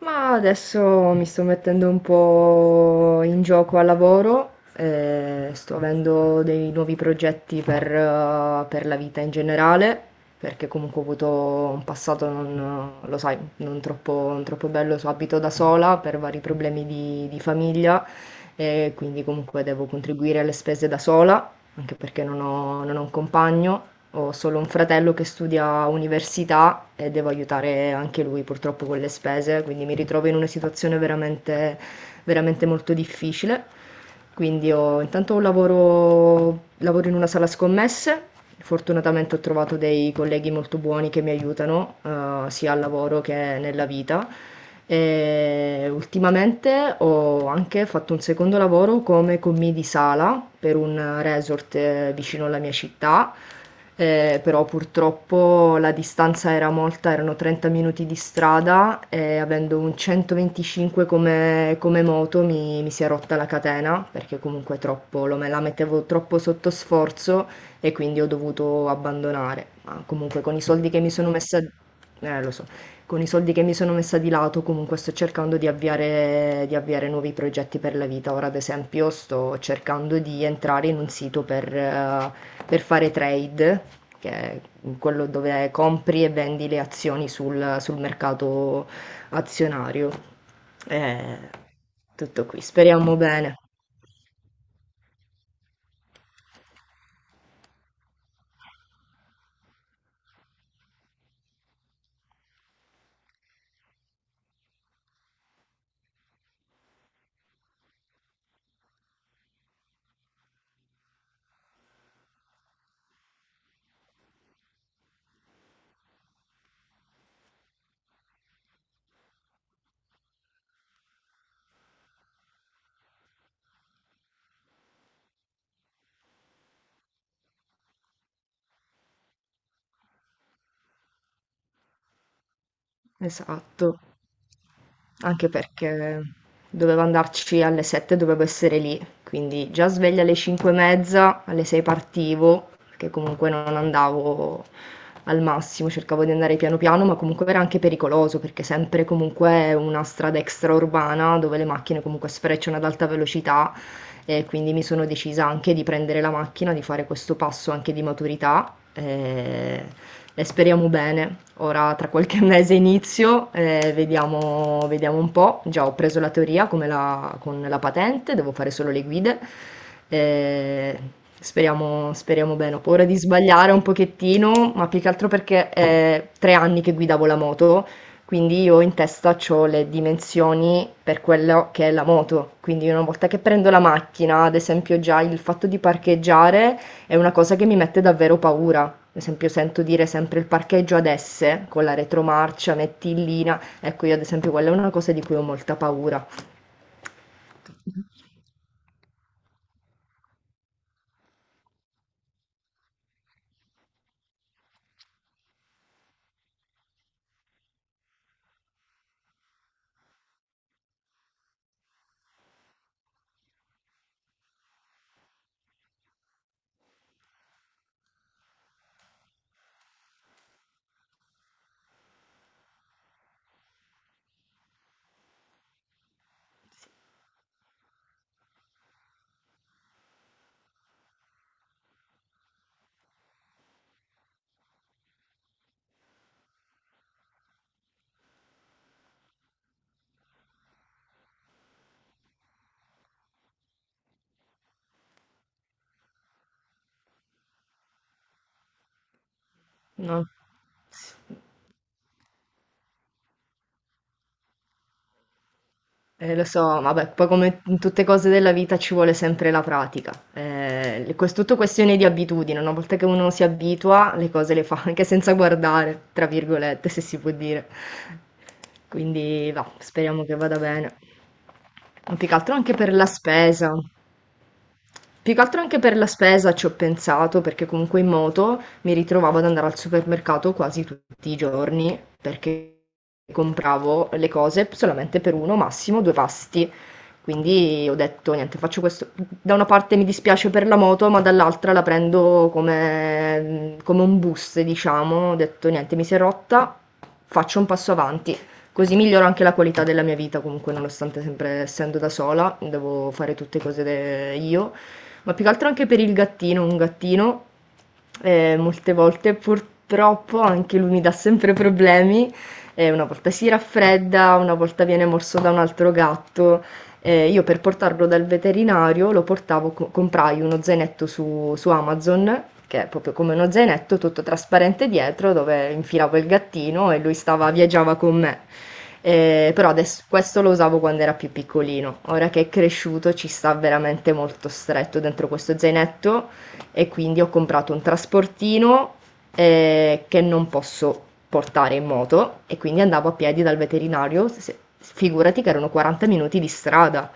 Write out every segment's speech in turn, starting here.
Ma adesso mi sto mettendo un po' in gioco al lavoro, sto avendo dei nuovi progetti per la vita in generale, perché comunque ho avuto un passato, non, lo sai, non troppo bello, abito da sola per vari problemi di famiglia, e quindi comunque devo contribuire alle spese da sola, anche perché non ho un compagno, ho solo un fratello che studia università e devo aiutare anche lui purtroppo con le spese, quindi mi ritrovo in una situazione veramente veramente molto difficile. Quindi intanto ho un lavoro, lavoro in una sala scommesse, fortunatamente ho trovato dei colleghi molto buoni che mi aiutano, sia al lavoro che nella vita. E ultimamente ho anche fatto un secondo lavoro come commì di sala per un resort vicino alla mia città, però purtroppo la distanza era molta, erano 30 minuti di strada e avendo un 125 come moto mi si è rotta la catena perché comunque me la mettevo troppo sotto sforzo e quindi ho dovuto abbandonare. Ma comunque con i soldi che mi sono messa, lo so, con i soldi che mi sono messa di lato comunque sto cercando di avviare nuovi progetti per la vita. Ora ad esempio sto cercando di entrare in un sito per fare trade, che è quello dove compri e vendi le azioni sul mercato azionario. Eh, Tutto qui, speriamo bene. Esatto. Anche perché dovevo andarci alle 7, dovevo essere lì, quindi già sveglia alle 5 e mezza, alle 6 partivo, perché comunque non andavo al massimo, cercavo di andare piano piano, ma comunque era anche pericoloso, perché sempre comunque è una strada extraurbana dove le macchine comunque sfrecciano ad alta velocità, e quindi mi sono decisa anche di prendere la macchina, di fare questo passo anche di maturità, e speriamo bene. Ora tra qualche mese inizio, vediamo, vediamo un po'. Già ho preso la teoria con la patente, devo fare solo le guide. eh, Speriamo, speriamo bene. Ho paura di sbagliare un pochettino, ma più che altro perché è 3 anni che guidavo la moto, quindi io in testa c'ho le dimensioni per quello che è la moto, quindi una volta che prendo la macchina, ad esempio già il fatto di parcheggiare è una cosa che mi mette davvero paura. Ad esempio sento dire sempre il parcheggio ad S con la retromarcia, mettillina. Ecco, io ad esempio quella è una cosa di cui ho molta paura. No. Lo so, vabbè, poi come in tutte cose della vita ci vuole sempre la pratica. È tutto questione di abitudine, una volta che uno si abitua, le cose le fa anche senza guardare, tra virgolette, se si può dire. Quindi va, speriamo che vada bene. Ma più che altro anche per la spesa. Più che altro anche per la spesa ci ho pensato, perché comunque in moto mi ritrovavo ad andare al supermercato quasi tutti i giorni, perché compravo le cose solamente per uno, massimo due pasti. Quindi ho detto, niente, faccio questo. Da una parte mi dispiace per la moto, ma dall'altra la prendo come un boost, diciamo. Ho detto, niente, mi si è rotta, faccio un passo avanti. Così miglioro anche la qualità della mia vita, comunque, nonostante sempre essendo da sola, devo fare tutte cose io, ma più che altro anche per il gattino, un gattino, molte volte purtroppo anche lui mi dà sempre problemi, una volta si raffredda, una volta viene morso da un altro gatto, io per portarlo dal veterinario lo portavo, comprai uno zainetto su Amazon, che è proprio come uno zainetto tutto trasparente dietro, dove infilavo il gattino e lui stava, viaggiava con me. Però adesso, questo lo usavo quando era più piccolino. Ora che è cresciuto ci sta veramente molto stretto dentro questo zainetto, e quindi ho comprato un trasportino che non posso portare in moto, e quindi andavo a piedi dal veterinario, figurati che erano 40 minuti di strada.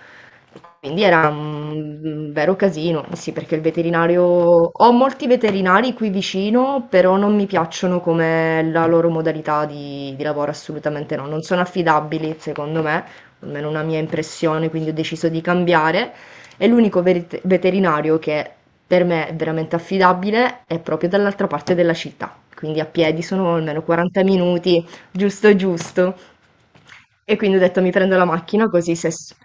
Quindi era un vero casino, sì, perché il veterinario... Ho molti veterinari qui vicino, però non mi piacciono come la loro modalità di lavoro, assolutamente no. Non sono affidabili, secondo me, almeno una mia impressione, quindi ho deciso di cambiare. E l'unico veterinario che per me è veramente affidabile è proprio dall'altra parte della città, quindi a piedi sono almeno 40 minuti, giusto giusto. E quindi ho detto mi prendo la macchina così se...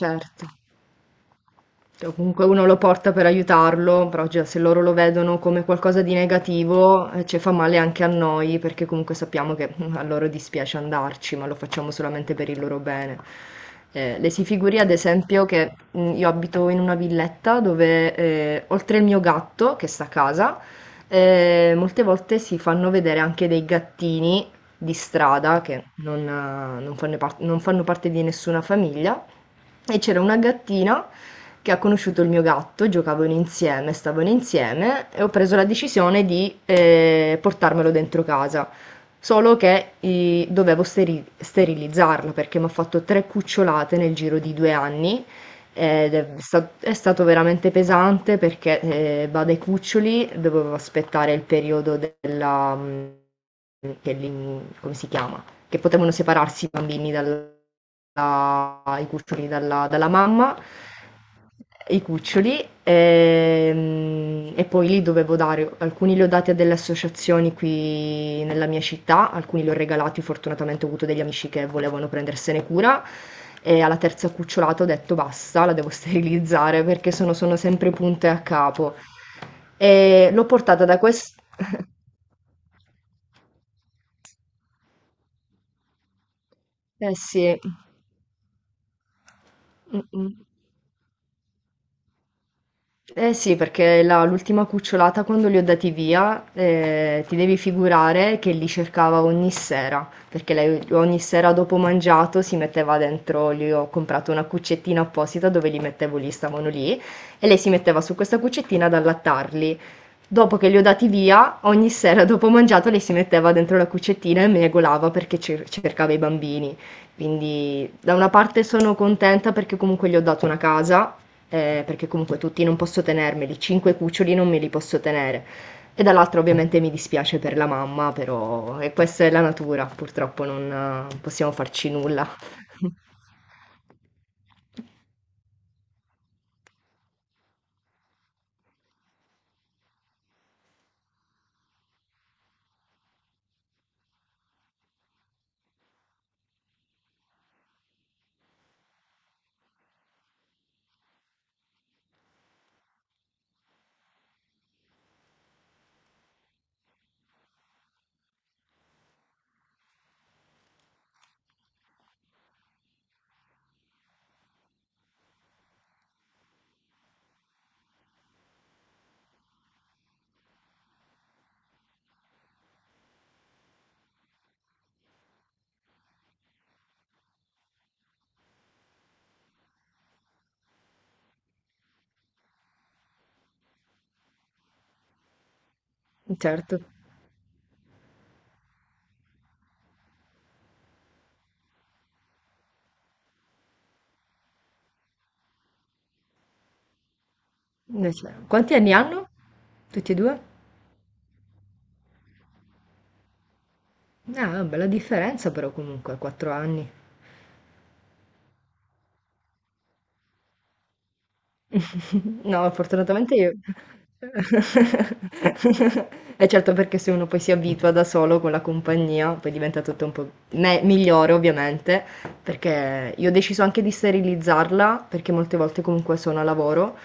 Certo. Cioè, comunque uno lo porta per aiutarlo, però già se loro lo vedono come qualcosa di negativo, ci fa male anche a noi, perché comunque sappiamo che a loro dispiace andarci, ma lo facciamo solamente per il loro bene. Le si figuri, ad esempio, che io abito in una villetta dove, oltre il mio gatto che sta a casa, molte volte si fanno vedere anche dei gattini di strada che non fanno parte di nessuna famiglia. E c'era una gattina che ha conosciuto il mio gatto, giocavano insieme, stavano insieme, e ho preso la decisione di, portarmelo dentro casa. Solo che, dovevo sterilizzarla perché mi ha fatto tre cucciolate nel giro di 2 anni, ed è stato veramente pesante perché, va dai cuccioli, dovevo aspettare il periodo della... come si chiama? Che potevano separarsi i i cuccioli dalla mamma, e poi li dovevo dare, alcuni li ho dati a delle associazioni qui nella mia città, alcuni li ho regalati, fortunatamente ho avuto degli amici che volevano prendersene cura. E alla terza cucciolata ho detto basta, la devo sterilizzare perché sono sempre punte a capo. E l'ho portata da questo. Eh sì. Mm, mm. Eh sì, perché l'ultima cucciolata quando li ho dati via, ti devi figurare che li cercava ogni sera, perché lei ogni sera dopo mangiato si metteva dentro, gli ho comprato una cuccettina apposita dove li mettevo lì, stavano lì, e lei si metteva su questa cuccettina ad allattarli. Dopo che li ho dati via, ogni sera dopo mangiato lei si metteva dentro la cuccettina e megolava perché cercava i bambini. Quindi da una parte sono contenta perché comunque gli ho dato una casa, perché comunque tutti non posso tenermeli, cinque cuccioli non me li posso tenere. E dall'altra ovviamente mi dispiace per la mamma, però e questa è la natura, purtroppo non, possiamo farci nulla. Certo. Cioè, quanti anni hanno? Tutti e due? Ah, bella differenza però comunque, 4 anni. No, fortunatamente io. Eh certo, perché se uno poi si abitua da solo con la compagnia, poi diventa tutto un po' migliore ovviamente, perché io ho deciso anche di sterilizzarla, perché molte volte comunque sono a lavoro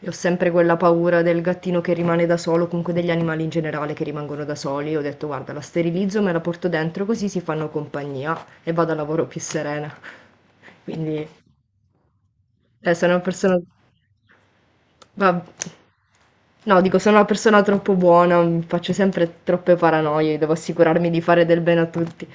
e ho sempre quella paura del gattino che rimane da solo, comunque degli animali in generale che rimangono da soli. Ho detto, guarda, la sterilizzo, me la porto dentro così si fanno compagnia, e vado a lavoro più serena. Quindi, sono una persona... Vab no, dico, sono una persona troppo buona, faccio sempre troppe paranoie, devo assicurarmi di fare del bene a tutti.